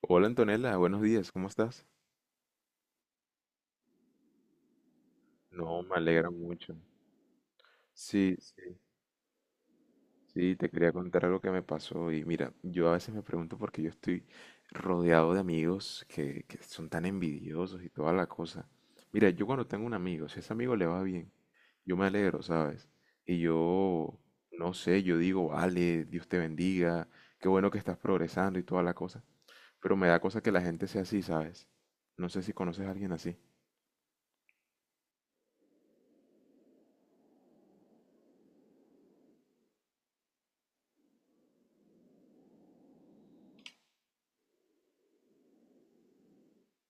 Hola Antonella, buenos días, ¿cómo estás? No, me alegra mucho. Sí, sí, sí, te quería contar algo que me pasó y mira, yo a veces me pregunto por qué yo estoy rodeado de amigos que son tan envidiosos y toda la cosa. Mira, yo cuando tengo un amigo, si a ese amigo le va bien, yo me alegro, ¿sabes? Y yo, no sé, yo digo, vale, Dios te bendiga, qué bueno que estás progresando y toda la cosa, pero me da cosa que la gente sea así, ¿sabes? No sé si conoces a alguien así.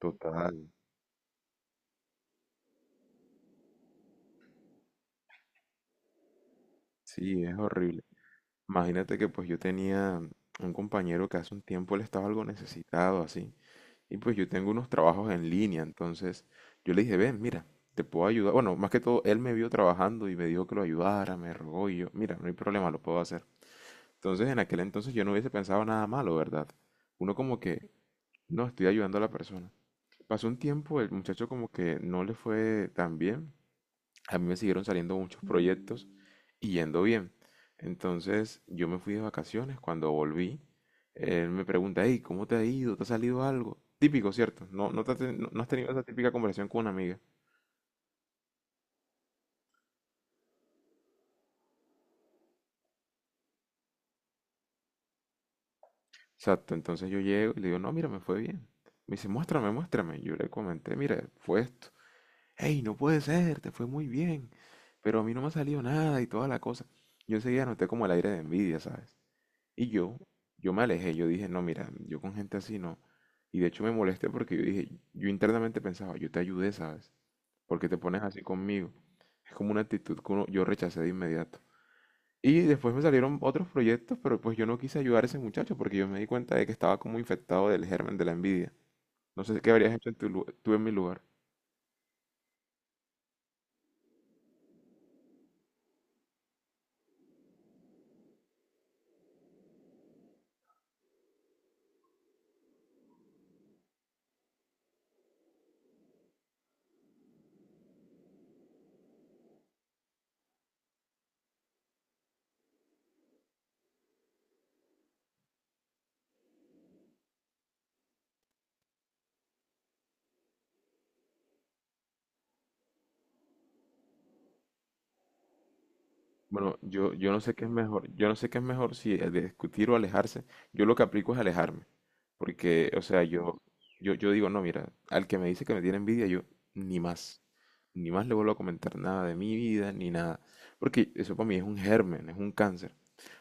Total, sí, es horrible. Imagínate que pues yo tenía un compañero que hace un tiempo él estaba algo necesitado así. Y pues yo tengo unos trabajos en línea, entonces yo le dije, ven, mira, te puedo ayudar. Bueno, más que todo, él me vio trabajando y me dijo que lo ayudara, me rogó y yo, mira, no hay problema, lo puedo hacer. Entonces en aquel entonces yo no hubiese pensado nada malo, ¿verdad? Uno como que, no, estoy ayudando a la persona. Pasó un tiempo, el muchacho como que no le fue tan bien. A mí me siguieron saliendo muchos proyectos y yendo bien. Entonces yo me fui de vacaciones, cuando volví, él me pregunta, hey, ¿cómo te ha ido? ¿Te ha salido algo? Típico, ¿cierto? No has tenido esa típica conversación con una amiga. Exacto, entonces yo llego y le digo, no, mira, me fue bien. Me dice, muéstrame, muéstrame. Yo le comenté, mira, fue esto. Hey, no puede ser, te fue muy bien. Pero a mí no me ha salido nada y toda la cosa. Yo enseguida noté como el aire de envidia, ¿sabes? Y yo me alejé, yo dije, no, mira, yo con gente así no. Y de hecho me molesté porque yo dije, yo internamente pensaba, yo te ayudé, ¿sabes? Porque te pones así conmigo. Es como una actitud que uno- yo rechacé de inmediato. Y después me salieron otros proyectos, pero pues yo no quise ayudar a ese muchacho porque yo me di cuenta de que estaba como infectado del germen de la envidia. No sé qué habrías hecho en tu tú en mi lugar. Bueno, yo no sé qué es mejor. Yo no sé qué es mejor si discutir o alejarse. Yo lo que aplico es alejarme. Porque, o sea, yo, yo digo, no, mira, al que me dice que me tiene envidia, yo ni más, ni más le vuelvo a comentar nada de mi vida, ni nada. Porque eso para mí es un germen, es un cáncer.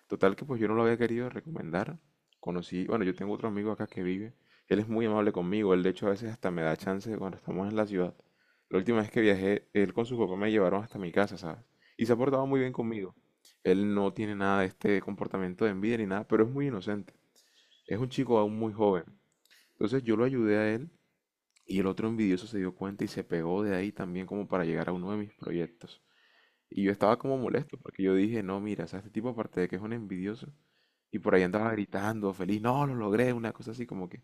Total que pues yo no lo había querido recomendar. Conocí, bueno, yo tengo otro amigo acá que vive. Él es muy amable conmigo. Él de hecho a veces hasta me da chance cuando estamos en la ciudad. La última vez que viajé, él con su papá me llevaron hasta mi casa, ¿sabes? Y se ha portado muy bien conmigo. Él no tiene nada de este comportamiento de envidia ni nada, pero es muy inocente. Es un chico aún muy joven. Entonces yo lo ayudé a él y el otro envidioso se dio cuenta y se pegó de ahí también como para llegar a uno de mis proyectos. Y yo estaba como molesto porque yo dije, no, mira, o sea, este tipo aparte de que es un envidioso y por ahí andaba gritando, feliz, no, lo logré, una cosa así como que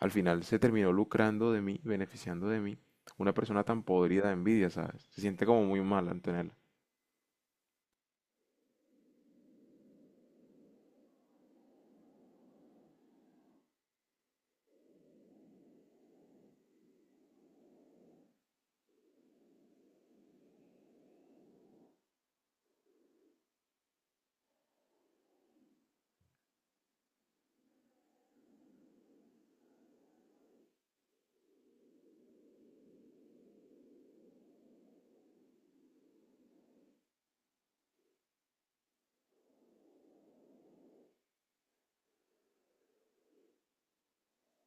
al final se terminó lucrando de mí, beneficiando de mí. Una persona tan podrida de envidia, ¿sabes? Se siente como muy mal, Antonella.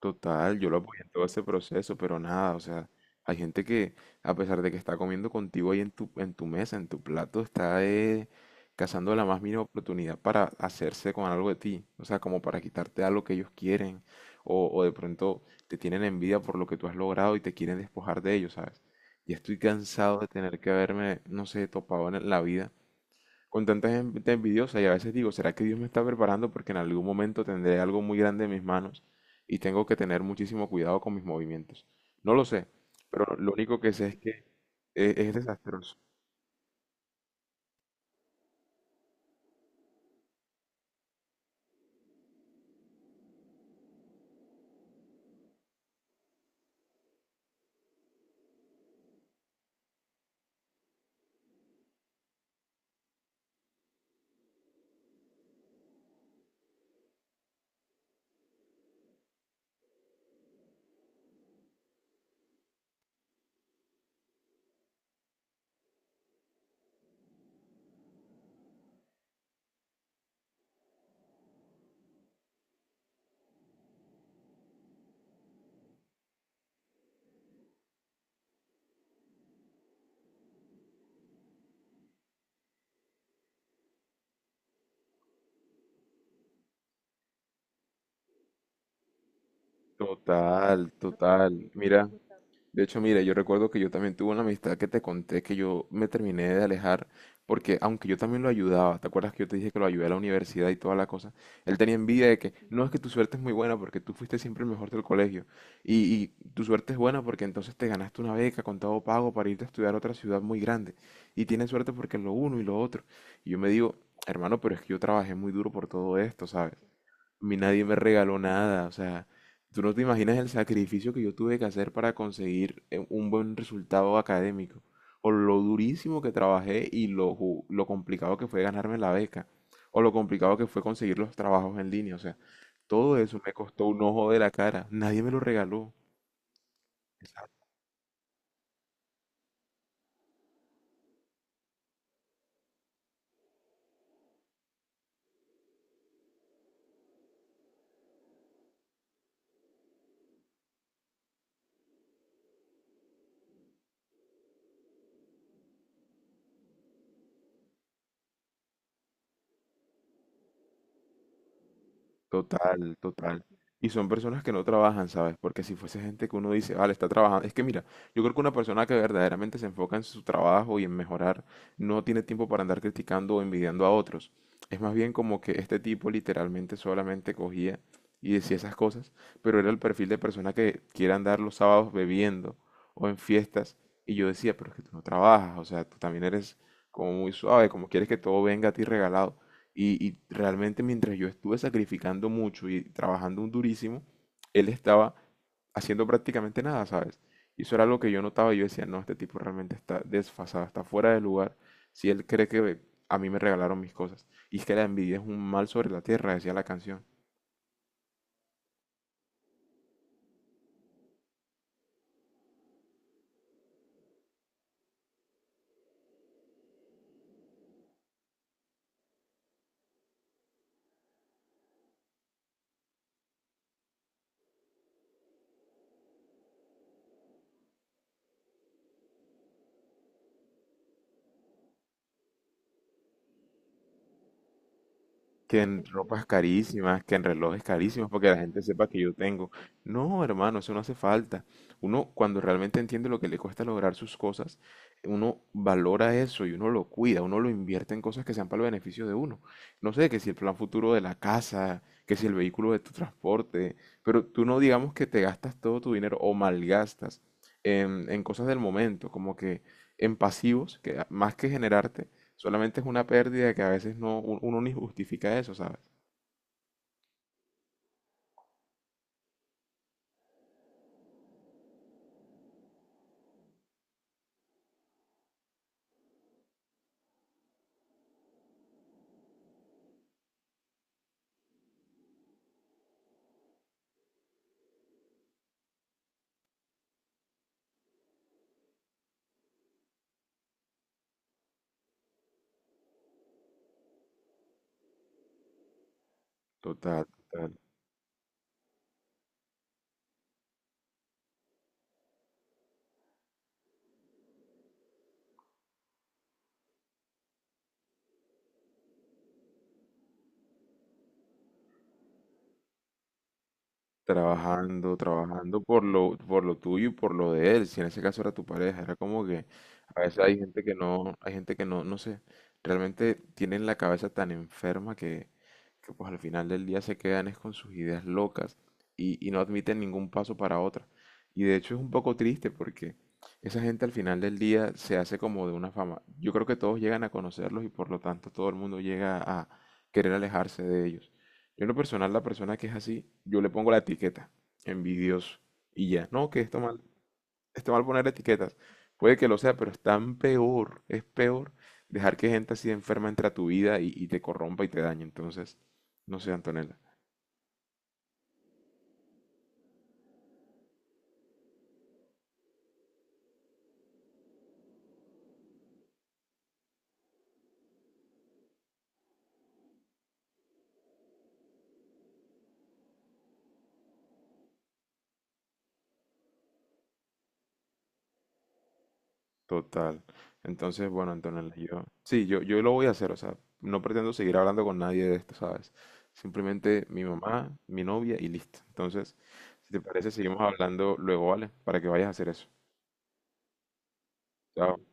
Total, yo lo apoyé en todo ese proceso, pero nada, o sea, hay gente que a pesar de que está comiendo contigo ahí en en tu mesa, en tu plato, está cazando la más mínima oportunidad para hacerse con algo de ti, o sea, como para quitarte algo que ellos quieren, o de pronto te tienen envidia por lo que tú has logrado y te quieren despojar de ellos, ¿sabes? Ya estoy cansado de tener que haberme, no sé, topado en la vida con tanta gente envidiosa y a veces digo, ¿será que Dios me está preparando porque en algún momento tendré algo muy grande en mis manos y tengo que tener muchísimo cuidado con mis movimientos? No lo sé, pero lo único que sé es que es desastroso. Total, total. Mira. De hecho, mira, yo recuerdo que yo también tuve una amistad que te conté que yo me terminé de alejar porque aunque yo también lo ayudaba, ¿te acuerdas que yo te dije que lo ayudé a la universidad y toda la cosa? Él tenía envidia de que no es que tu suerte es muy buena porque tú fuiste siempre el mejor del colegio y tu suerte es buena porque entonces te ganaste una beca con todo pago para irte a estudiar a otra ciudad muy grande y tienes suerte porque lo uno y lo otro. Y yo me digo, hermano, pero es que yo trabajé muy duro por todo esto, ¿sabes? A mí nadie me regaló nada, o sea, tú no te imaginas el sacrificio que yo tuve que hacer para conseguir un buen resultado académico, o lo durísimo que trabajé y lo, lo complicado que fue ganarme la beca, o lo complicado que fue conseguir los trabajos en línea, o sea, todo eso me costó un ojo de la cara, nadie me lo regaló. Total, total. Y son personas que no trabajan, ¿sabes? Porque si fuese gente que uno dice, vale, está trabajando. Es que mira, yo creo que una persona que verdaderamente se enfoca en su trabajo y en mejorar, no tiene tiempo para andar criticando o envidiando a otros. Es más bien como que este tipo literalmente solamente cogía y decía esas cosas, pero era el perfil de persona que quiere andar los sábados bebiendo o en fiestas. Y yo decía, pero es que tú no trabajas, o sea, tú también eres como muy suave, como quieres que todo venga a ti regalado. Y realmente mientras yo estuve sacrificando mucho y trabajando un durísimo, él estaba haciendo prácticamente nada, ¿sabes? Y eso era lo que yo notaba. Yo decía, no, este tipo realmente está desfasado, está fuera de lugar. Si él cree que a mí me regalaron mis cosas. Y es que la envidia es un mal sobre la tierra, decía la canción. Que en ropas carísimas, que en relojes carísimos, porque la gente sepa que yo tengo. No, hermano, eso no hace falta. Uno, cuando realmente entiende lo que le cuesta lograr sus cosas, uno valora eso y uno lo cuida, uno lo invierte en cosas que sean para el beneficio de uno. No sé, que si el plan futuro de la casa, que si el vehículo de tu transporte, pero tú no digamos que te gastas todo tu dinero o malgastas en cosas del momento, como que en pasivos, que más que generarte solamente es una pérdida que a veces no, uno ni justifica eso, ¿sabes? Total, total. Trabajando, trabajando por por lo tuyo y por lo de él. Si en ese caso era tu pareja, era como que a veces hay gente que no, hay gente que no, no sé, realmente tienen la cabeza tan enferma que pues al final del día se quedan es con sus ideas locas y no admiten ningún paso para otra. Y de hecho es un poco triste porque esa gente al final del día se hace como de una fama. Yo creo que todos llegan a conocerlos y por lo tanto todo el mundo llega a querer alejarse de ellos. Yo en lo personal, la persona que es así, yo le pongo la etiqueta, envidioso, y ya. No, que está mal poner etiquetas. Puede que lo sea, pero es tan peor, es peor dejar que gente así enferma entre a tu vida y te corrompa y te dañe. Entonces, no sé, Antonella, total. Entonces, bueno, Antonella, yo, sí, yo lo voy a hacer, o sea, no pretendo seguir hablando con nadie de esto, ¿sabes? Simplemente mi mamá, mi novia y listo. Entonces, si te parece, seguimos hablando luego, ¿vale? Para que vayas a hacer eso. Chao.